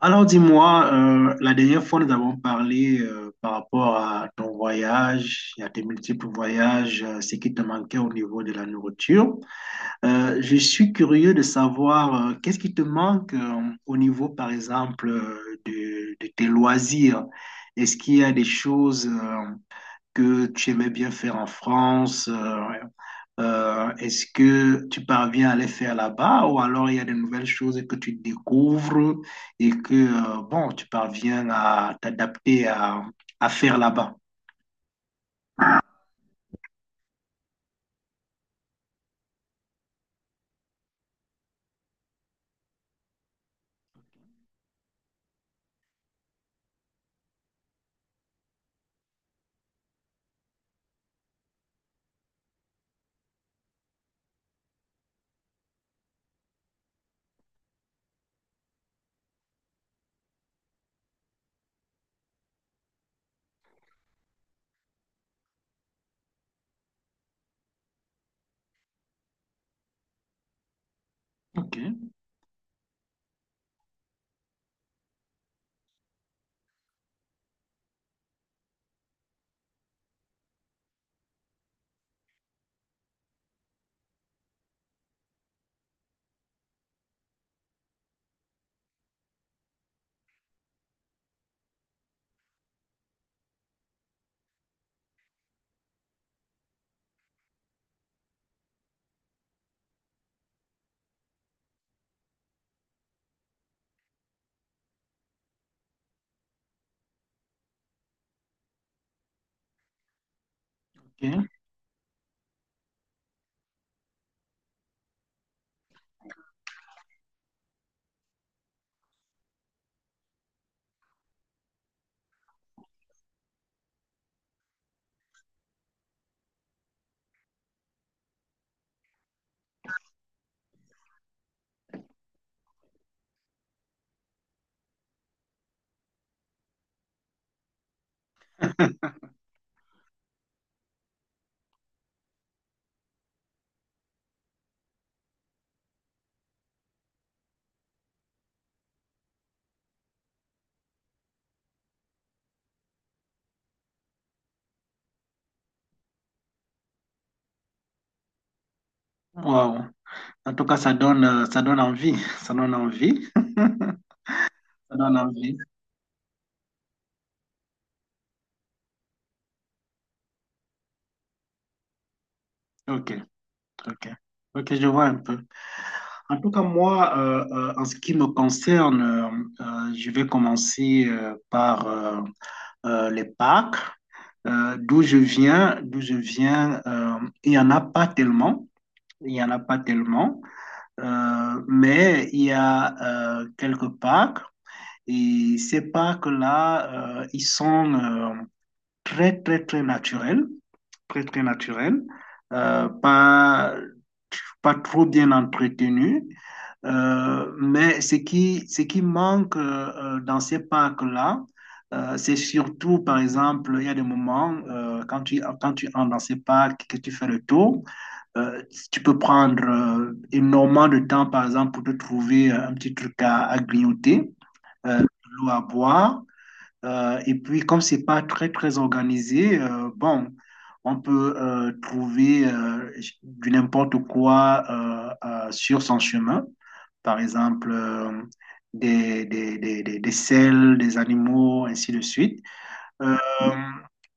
Alors dis-moi, la dernière fois nous avons parlé par rapport à ton voyage et à tes multiples voyages, ce qui te manquait au niveau de la nourriture. Je suis curieux de savoir qu'est-ce qui te manque au niveau, par exemple, de tes loisirs. Est-ce qu'il y a des choses que tu aimais bien faire en France, ouais. Est-ce que tu parviens à les faire là-bas, ou alors il y a de nouvelles choses que tu découvres et que tu parviens à t'adapter à faire là-bas? Ok, ok. Wow. En tout cas, ça donne envie. Ça donne envie. Ça donne envie. Ok, ok. Ok, je vois un peu. En tout cas, moi, en ce qui me concerne, je vais commencer par les parcs. D'où je viens, d'où je viens, il n'y en a pas tellement. Il n'y en a pas tellement. Mais il y a quelques parcs. Et ces parcs-là, ils sont très, très, très naturels, très, très naturel, pas, pas trop bien entretenu. Mais ce qui manque dans ces parcs-là, c'est surtout, par exemple, il y a des moments quand tu entres dans ces parcs, que tu fais le tour, euh, tu peux prendre énormément de temps, par exemple, pour te trouver un petit truc à grignoter, de l'eau à boire. Et puis, comme c'est pas très, très organisé, bon, on peut trouver du n'importe quoi sur son chemin. Par exemple, des selles, des animaux, ainsi de suite. Euh,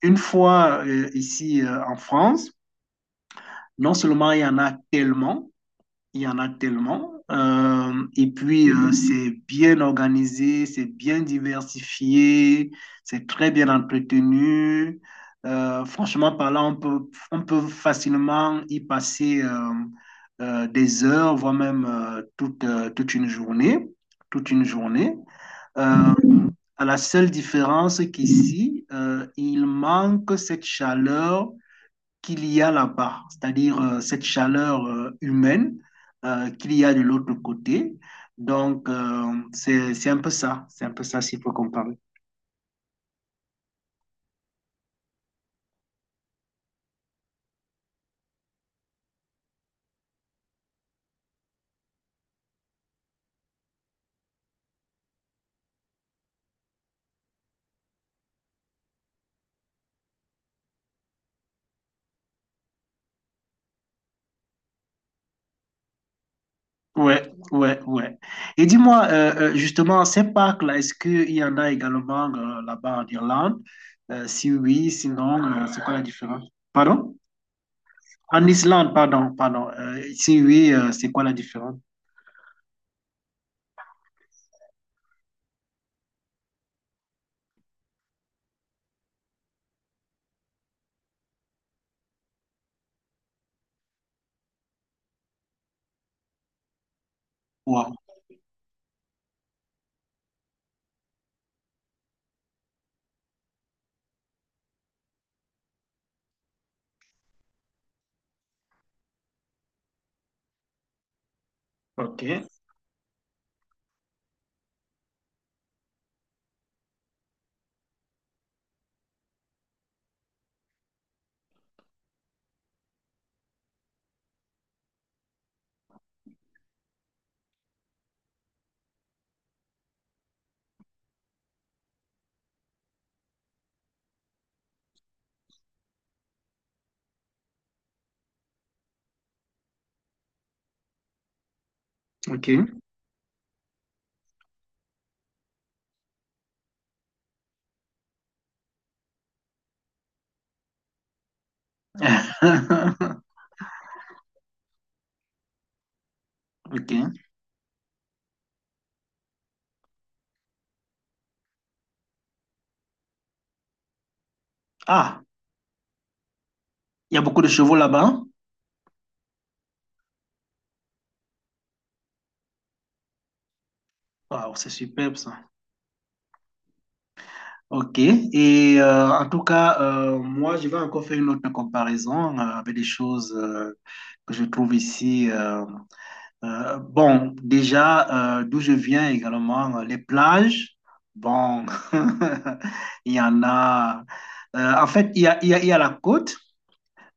une fois ici en France, non seulement il y en a tellement, il y en a tellement. Et puis, c'est bien organisé, c'est bien diversifié, c'est très bien entretenu. Franchement parlant, on peut facilement y passer des heures, voire même toute, toute une journée. Toute une journée. Euh, à la seule différence qu'ici, il manque cette chaleur qu'il y a là-bas, c'est-à-dire cette chaleur humaine qu'il y a de l'autre côté. Donc, c'est un peu ça, c'est un peu ça s'il faut comparer. Ouais, ouais, ouais. Et dis-moi, justement, ces parcs-là, est-ce qu'il y en a également là-bas en Irlande? Si oui, sinon, c'est quoi la différence? Pardon? En Islande, pardon, pardon. Si oui, c'est quoi la différence? Wow. OK, OK. OK. Ah, il y a beaucoup de chevaux là-bas, hein? Waouh, c'est superbe ça. Ok. Et en tout cas, moi, je vais encore faire une autre comparaison avec des choses que je trouve ici. Bon, déjà, d'où je viens également, les plages. Bon, il y en a. En fait, il y a, il y a, il y a la côte.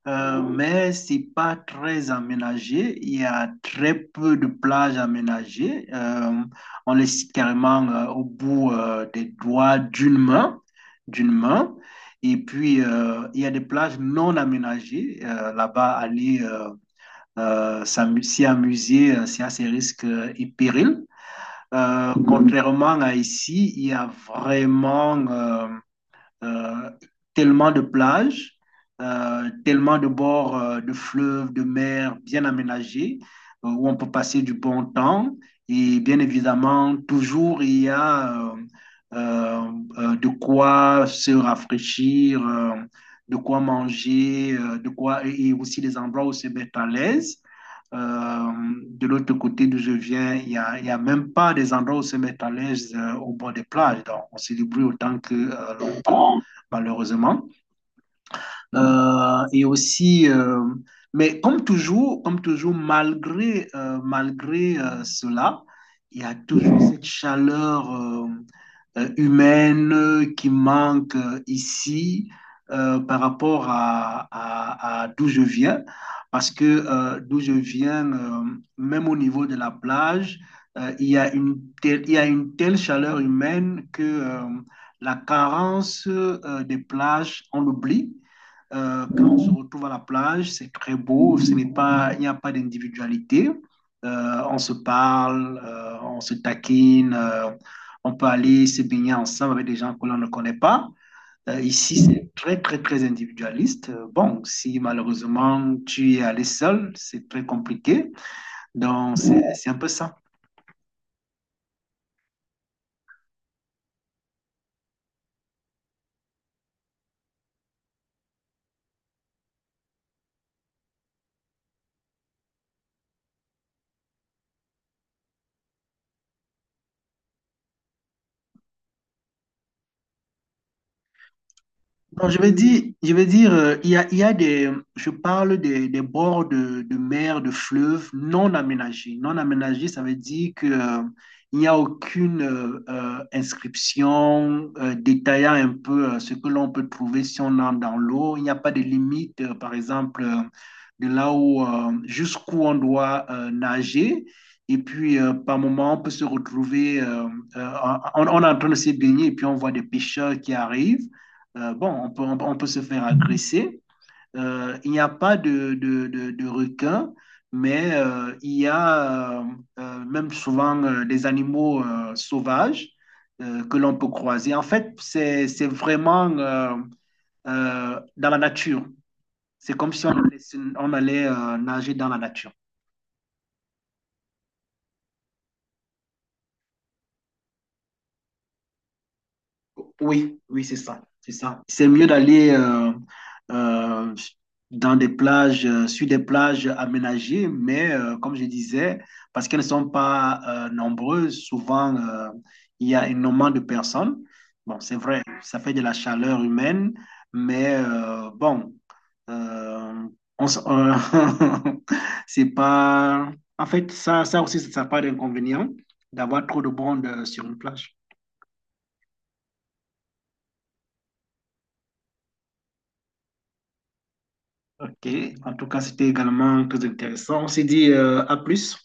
Mais c'est pas très aménagé. Il y a très peu de plages aménagées. On les cite carrément au bout des doigts d'une main, d'une main. Et puis il y a des plages non aménagées. Là-bas, aller s'y amuser, c'est à ses risques et périls. Contrairement à ici, il y a vraiment euh, tellement de plages, tellement de bords de fleuves, de mers bien aménagés, où on peut passer du bon temps. Et bien évidemment, toujours il y a euh, de quoi se rafraîchir, de quoi manger, de quoi et aussi des endroits où se mettre à l'aise. Euh, de l'autre côté d'où je viens, il y a même pas des endroits où se mettre à l'aise au bord des plages. Donc, on se débrouille autant que l'on peut malheureusement. Et aussi, mais comme toujours, malgré, malgré cela, il y a toujours cette chaleur humaine qui manque ici par rapport à d'où je viens, parce que d'où je viens, même au niveau de la plage, il y a une telle chaleur humaine que la carence des plages, on l'oublie. Quand on se retrouve à la plage, c'est très beau, ce n'est pas, il n'y a pas d'individualité. On se parle, on se taquine, on peut aller se baigner ensemble avec des gens que l'on ne connaît pas. Ici, c'est très, très, très individualiste. Bon, si malheureusement tu es allé seul, c'est très compliqué. Donc, c'est un peu ça. Non, je vais dire, il y a des, je parle des bords de mer, de fleuves non aménagés. Non aménagés, ça veut dire que, il n'y a aucune inscription détaillant un peu ce que l'on peut trouver si on entre dans l'eau. Il n'y a pas de limite, par exemple, de là où, jusqu'où on doit nager. Et puis, par moment, on peut se retrouver, euh, on est en train de se baigner et puis on voit des pêcheurs qui arrivent. Bon, on peut se faire agresser. Il n'y a pas de requins, mais il y a même souvent des animaux sauvages que l'on peut croiser. En fait, c'est vraiment dans la nature. C'est comme si on allait, nager dans la nature. Oui, oui, c'est ça, c'est ça. C'est mieux d'aller euh, dans des plages, sur des plages aménagées, mais comme je disais, parce qu'elles ne sont pas nombreuses, souvent il y a énormément de personnes. Bon, c'est vrai, ça fait de la chaleur humaine, mais bon, euh, on s- euh, c'est pas. En fait, ça aussi, ça n'a pas d'inconvénient d'avoir trop de monde sur une plage. Ok, en tout cas, c'était également très intéressant. On s'est dit à plus.